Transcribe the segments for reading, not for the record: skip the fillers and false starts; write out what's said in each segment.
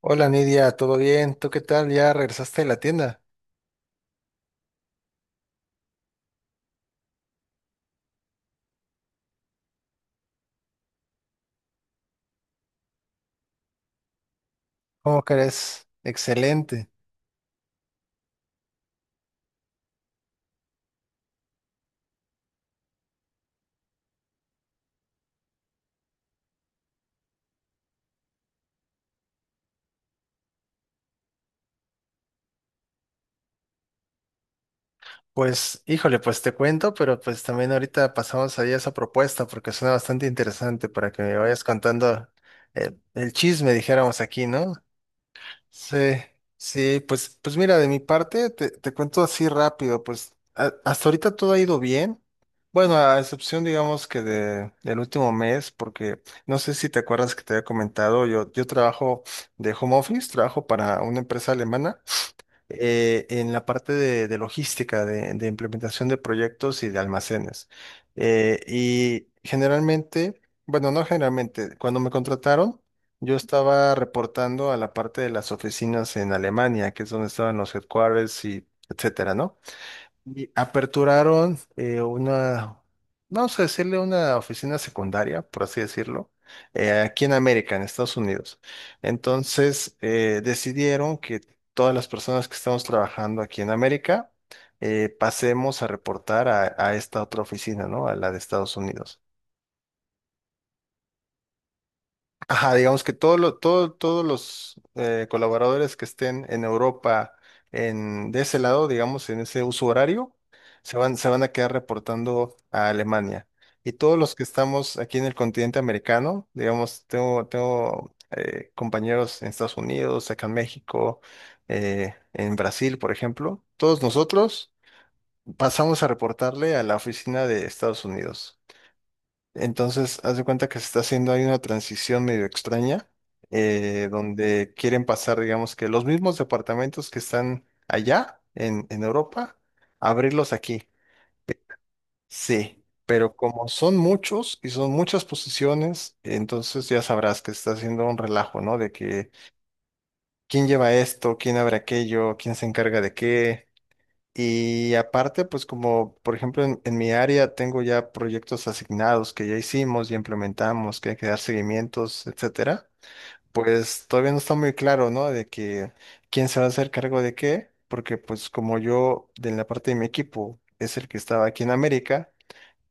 Hola Nidia, ¿todo bien? ¿Tú qué tal? ¿Ya regresaste de la tienda? ¿Cómo crees? Excelente. Pues, híjole, pues te cuento, pero pues también ahorita pasamos ahí a esa propuesta porque suena bastante interesante para que me vayas contando el chisme, dijéramos aquí, ¿no? Sí, sí, pues mira, de mi parte te cuento así rápido, hasta ahorita todo ha ido bien. Bueno, a excepción, digamos que del último mes, porque no sé si te acuerdas que te había comentado, yo trabajo de home office, trabajo para una empresa alemana en la parte de logística, de implementación de proyectos y de almacenes. Y generalmente, bueno, no generalmente, cuando me contrataron, yo estaba reportando a la parte de las oficinas en Alemania, que es donde estaban los headquarters y etcétera, ¿no? Y aperturaron vamos a decirle una oficina secundaria, por así decirlo, aquí en América, en Estados Unidos. Entonces, decidieron que todas las personas que estamos trabajando aquí en América, pasemos a reportar a esta otra oficina, ¿no? A la de Estados Unidos. Ajá, digamos que todos los colaboradores que estén en Europa, de ese lado, digamos, en ese uso horario, se van a quedar reportando a Alemania. Y todos los que estamos aquí en el continente americano, digamos, tengo compañeros en Estados Unidos, acá en México, en Brasil, por ejemplo, todos nosotros pasamos a reportarle a la oficina de Estados Unidos. Entonces, haz de cuenta que se está haciendo ahí una transición medio extraña, donde quieren pasar, digamos que los mismos departamentos que están allá en Europa, abrirlos aquí. Sí, pero como son muchos y son muchas posiciones, entonces ya sabrás que está haciendo un relajo, ¿no? De que quién lleva esto, quién abre aquello, quién se encarga de qué. Y aparte, pues como por ejemplo en mi área tengo ya proyectos asignados que ya hicimos y implementamos, que hay que dar seguimientos, etcétera, pues todavía no está muy claro, ¿no? De que quién se va a hacer cargo de qué, porque pues como yo de la parte de mi equipo es el que estaba aquí en América,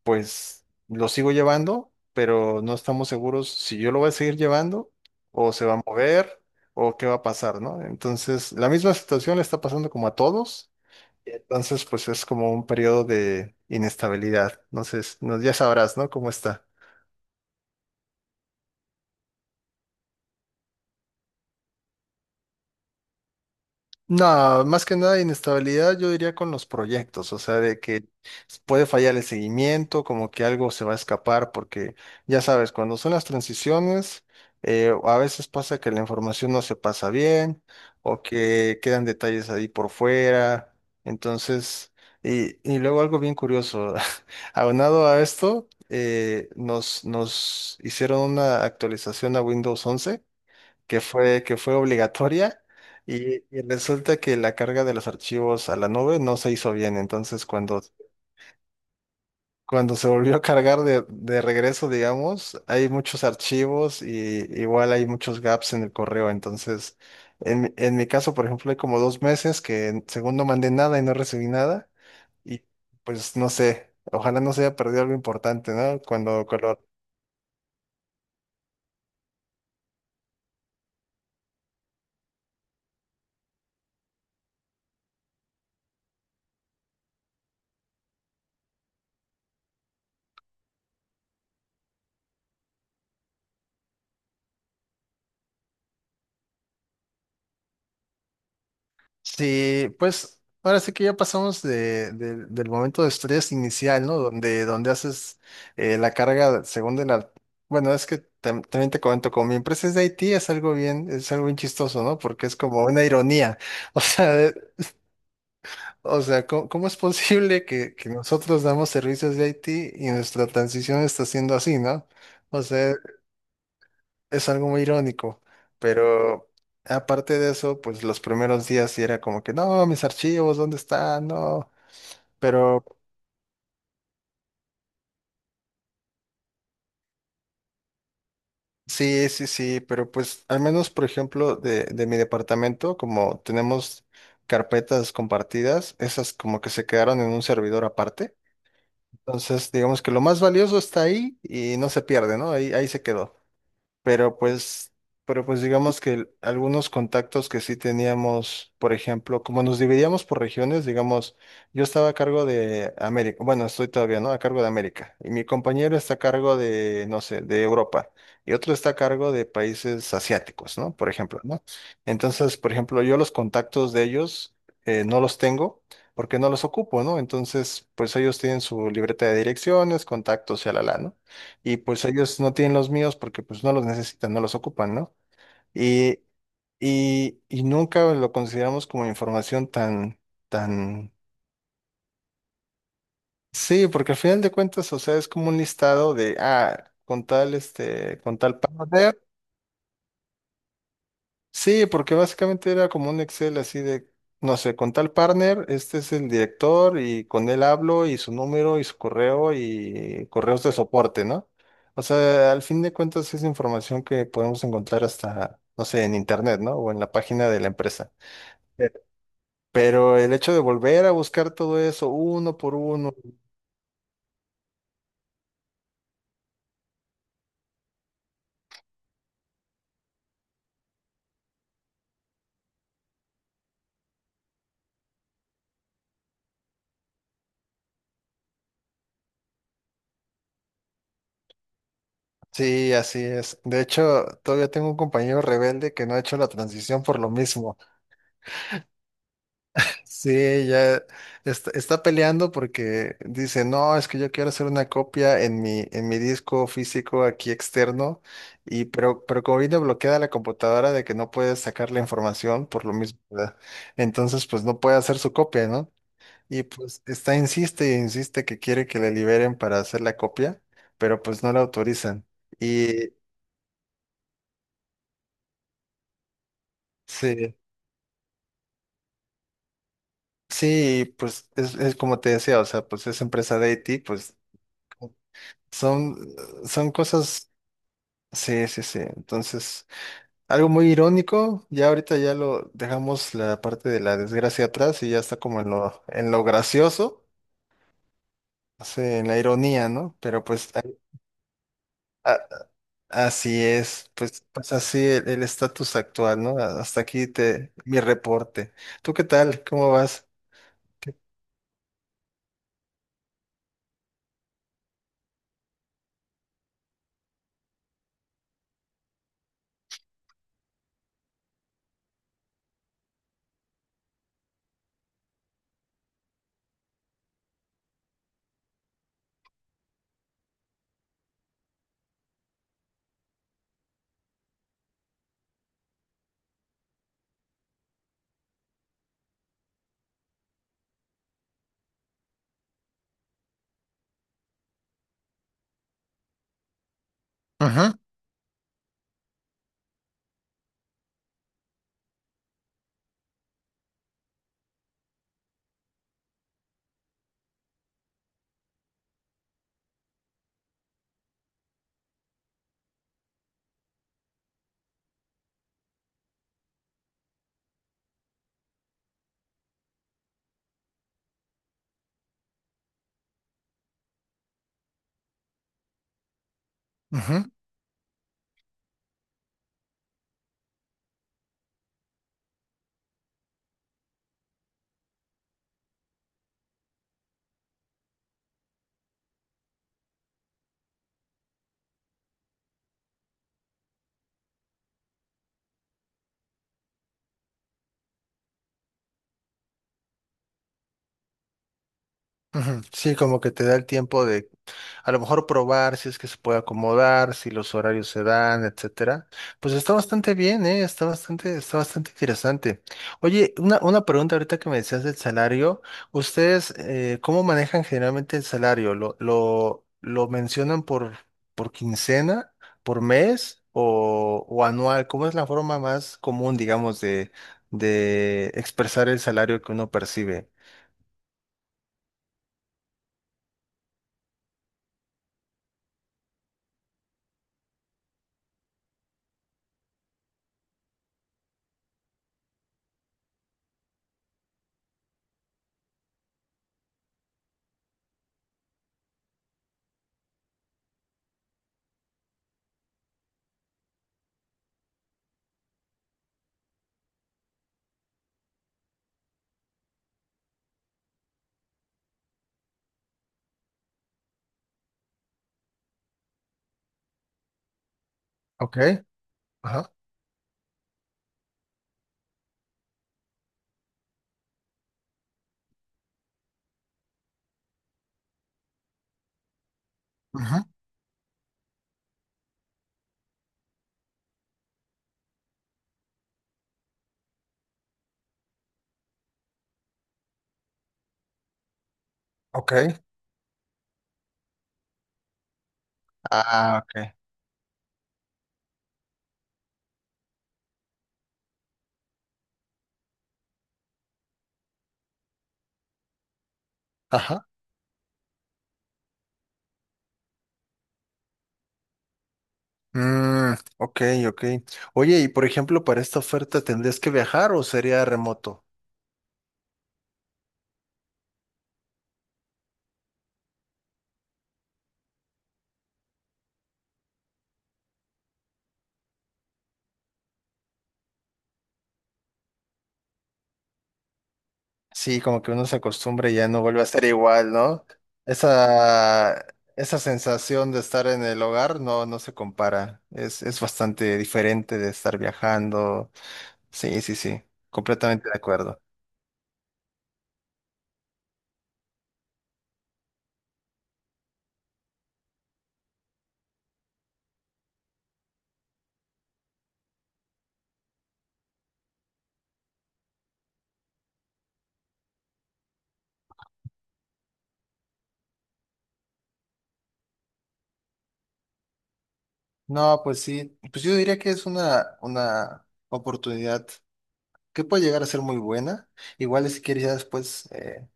pues lo sigo llevando, pero no estamos seguros si yo lo voy a seguir llevando o se va a mover o qué va a pasar, ¿no? Entonces, la misma situación le está pasando como a todos, entonces, pues es como un periodo de inestabilidad. Entonces, no, ya sabrás, ¿no? Cómo está. No, más que nada inestabilidad, yo diría con los proyectos, o sea, de que puede fallar el seguimiento, como que algo se va a escapar, porque ya sabes, cuando son las transiciones, a veces pasa que la información no se pasa bien o que quedan detalles ahí por fuera, entonces, y luego algo bien curioso, aunado a esto, nos hicieron una actualización a Windows 11 que fue obligatoria y resulta que la carga de los archivos a la nube no se hizo bien. Entonces, cuando se volvió a cargar de regreso, digamos, hay muchos archivos y igual hay muchos gaps en el correo. Entonces, en mi caso, por ejemplo, hay como dos meses que según no mandé nada y no recibí nada y pues no sé. Ojalá no se haya perdido algo importante, ¿no? Cuando. Sí, pues ahora sí que ya pasamos del momento de estrés inicial, ¿no? Donde, donde haces la carga según de la... Bueno, es que también te comento, como mi empresa es de Haití, es algo bien chistoso, ¿no? Porque es como una ironía. O sea, ¿cómo, cómo es posible que nosotros damos servicios de Haití y nuestra transición está siendo así, ¿no? O sea, es algo muy irónico, pero aparte de eso, pues los primeros días sí era como que, no, mis archivos, ¿dónde están? No, pero sí, sí, sí, pero pues al menos, por ejemplo, de mi departamento, como tenemos carpetas compartidas, esas como que se quedaron en un servidor aparte. Entonces, digamos que lo más valioso está ahí y no se pierde, ¿no? Ahí se quedó. Pero pues, pero pues digamos que algunos contactos que sí teníamos, por ejemplo, como nos dividíamos por regiones, digamos, yo estaba a cargo de América, bueno, estoy todavía, ¿no? A cargo de América. Y mi compañero está a cargo de, no sé, de Europa. Y otro está a cargo de países asiáticos, ¿no? Por ejemplo, ¿no? Entonces, por ejemplo, yo los contactos de ellos no los tengo porque no los ocupo, ¿no? Entonces, pues ellos tienen su libreta de direcciones, contactos, ¿no? Y pues ellos no tienen los míos porque pues no los necesitan, no los ocupan, ¿no? Y, y nunca lo consideramos como información tan, tan... Sí, porque al final de cuentas, o sea, es como un listado de, con tal, con tal pago. Sí, porque básicamente era como un Excel así de, no sé, con tal partner, este es el director y con él hablo y su número y su correo y correos de soporte, ¿no? O sea, al fin de cuentas es información que podemos encontrar hasta, no sé, en internet, ¿no? O en la página de la empresa. Eh, Pero el hecho de volver a buscar todo eso uno por uno, sí, así es. De hecho, todavía tengo un compañero rebelde que no ha hecho la transición por lo mismo. Sí, ya está peleando porque dice, no, es que yo quiero hacer una copia en mi disco físico aquí externo, y pero como viene bloqueada la computadora de que no puede sacar la información por lo mismo, ¿verdad? Entonces pues no puede hacer su copia, ¿no? Y pues insiste y insiste que quiere que le liberen para hacer la copia, pero pues no la autorizan. Y sí, sí, pues es como te decía, o sea, pues es empresa de IT, pues son son cosas. Sí, sí, sí. Entonces, algo muy irónico, ya ahorita ya lo dejamos la parte de la desgracia atrás y ya está como en lo gracioso, sí, en la ironía, ¿no? Pero pues a- así es, pues así el estatus actual, ¿no? Hasta aquí mi reporte. ¿Tú qué tal? ¿Cómo vas? Ujú, ujú, ujú. Sí, como que te da el tiempo de a lo mejor probar si es que se puede acomodar, si los horarios se dan, etcétera. Pues está bastante bien, ¿eh? Está bastante interesante. Oye, una pregunta ahorita que me decías del salario. ¿Ustedes cómo manejan generalmente el salario? ¿Lo mencionan por quincena, por mes o anual? ¿Cómo es la forma más común, digamos, de expresar el salario que uno percibe? Ok, ajá, ujú, ok. Ah, ok. Ajá. Mm, ok, ok. Oye, y por ejemplo, para esta oferta, ¿tendrías que viajar o sería remoto? Sí, como que uno se acostumbra y ya no vuelve a ser igual, ¿no? Esa, esa sensación de estar en el hogar no se compara. Es bastante diferente de estar viajando. Sí, sí, sí. Completamente de acuerdo. No, pues sí. Pues yo diría que es una oportunidad que puede llegar a ser muy buena. Igual si quieres ya después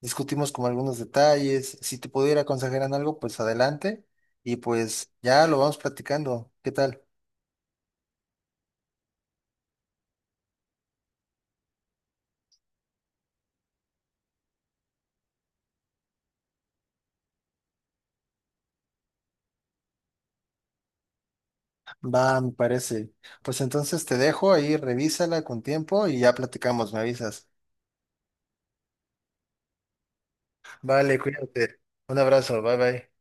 discutimos como algunos detalles. Si te pudiera aconsejar en algo, pues adelante. Y pues ya lo vamos platicando. ¿Qué tal? Va, me parece. Pues entonces te dejo ahí, revísala con tiempo y ya platicamos, me avisas. Vale, cuídate. Un abrazo, bye bye.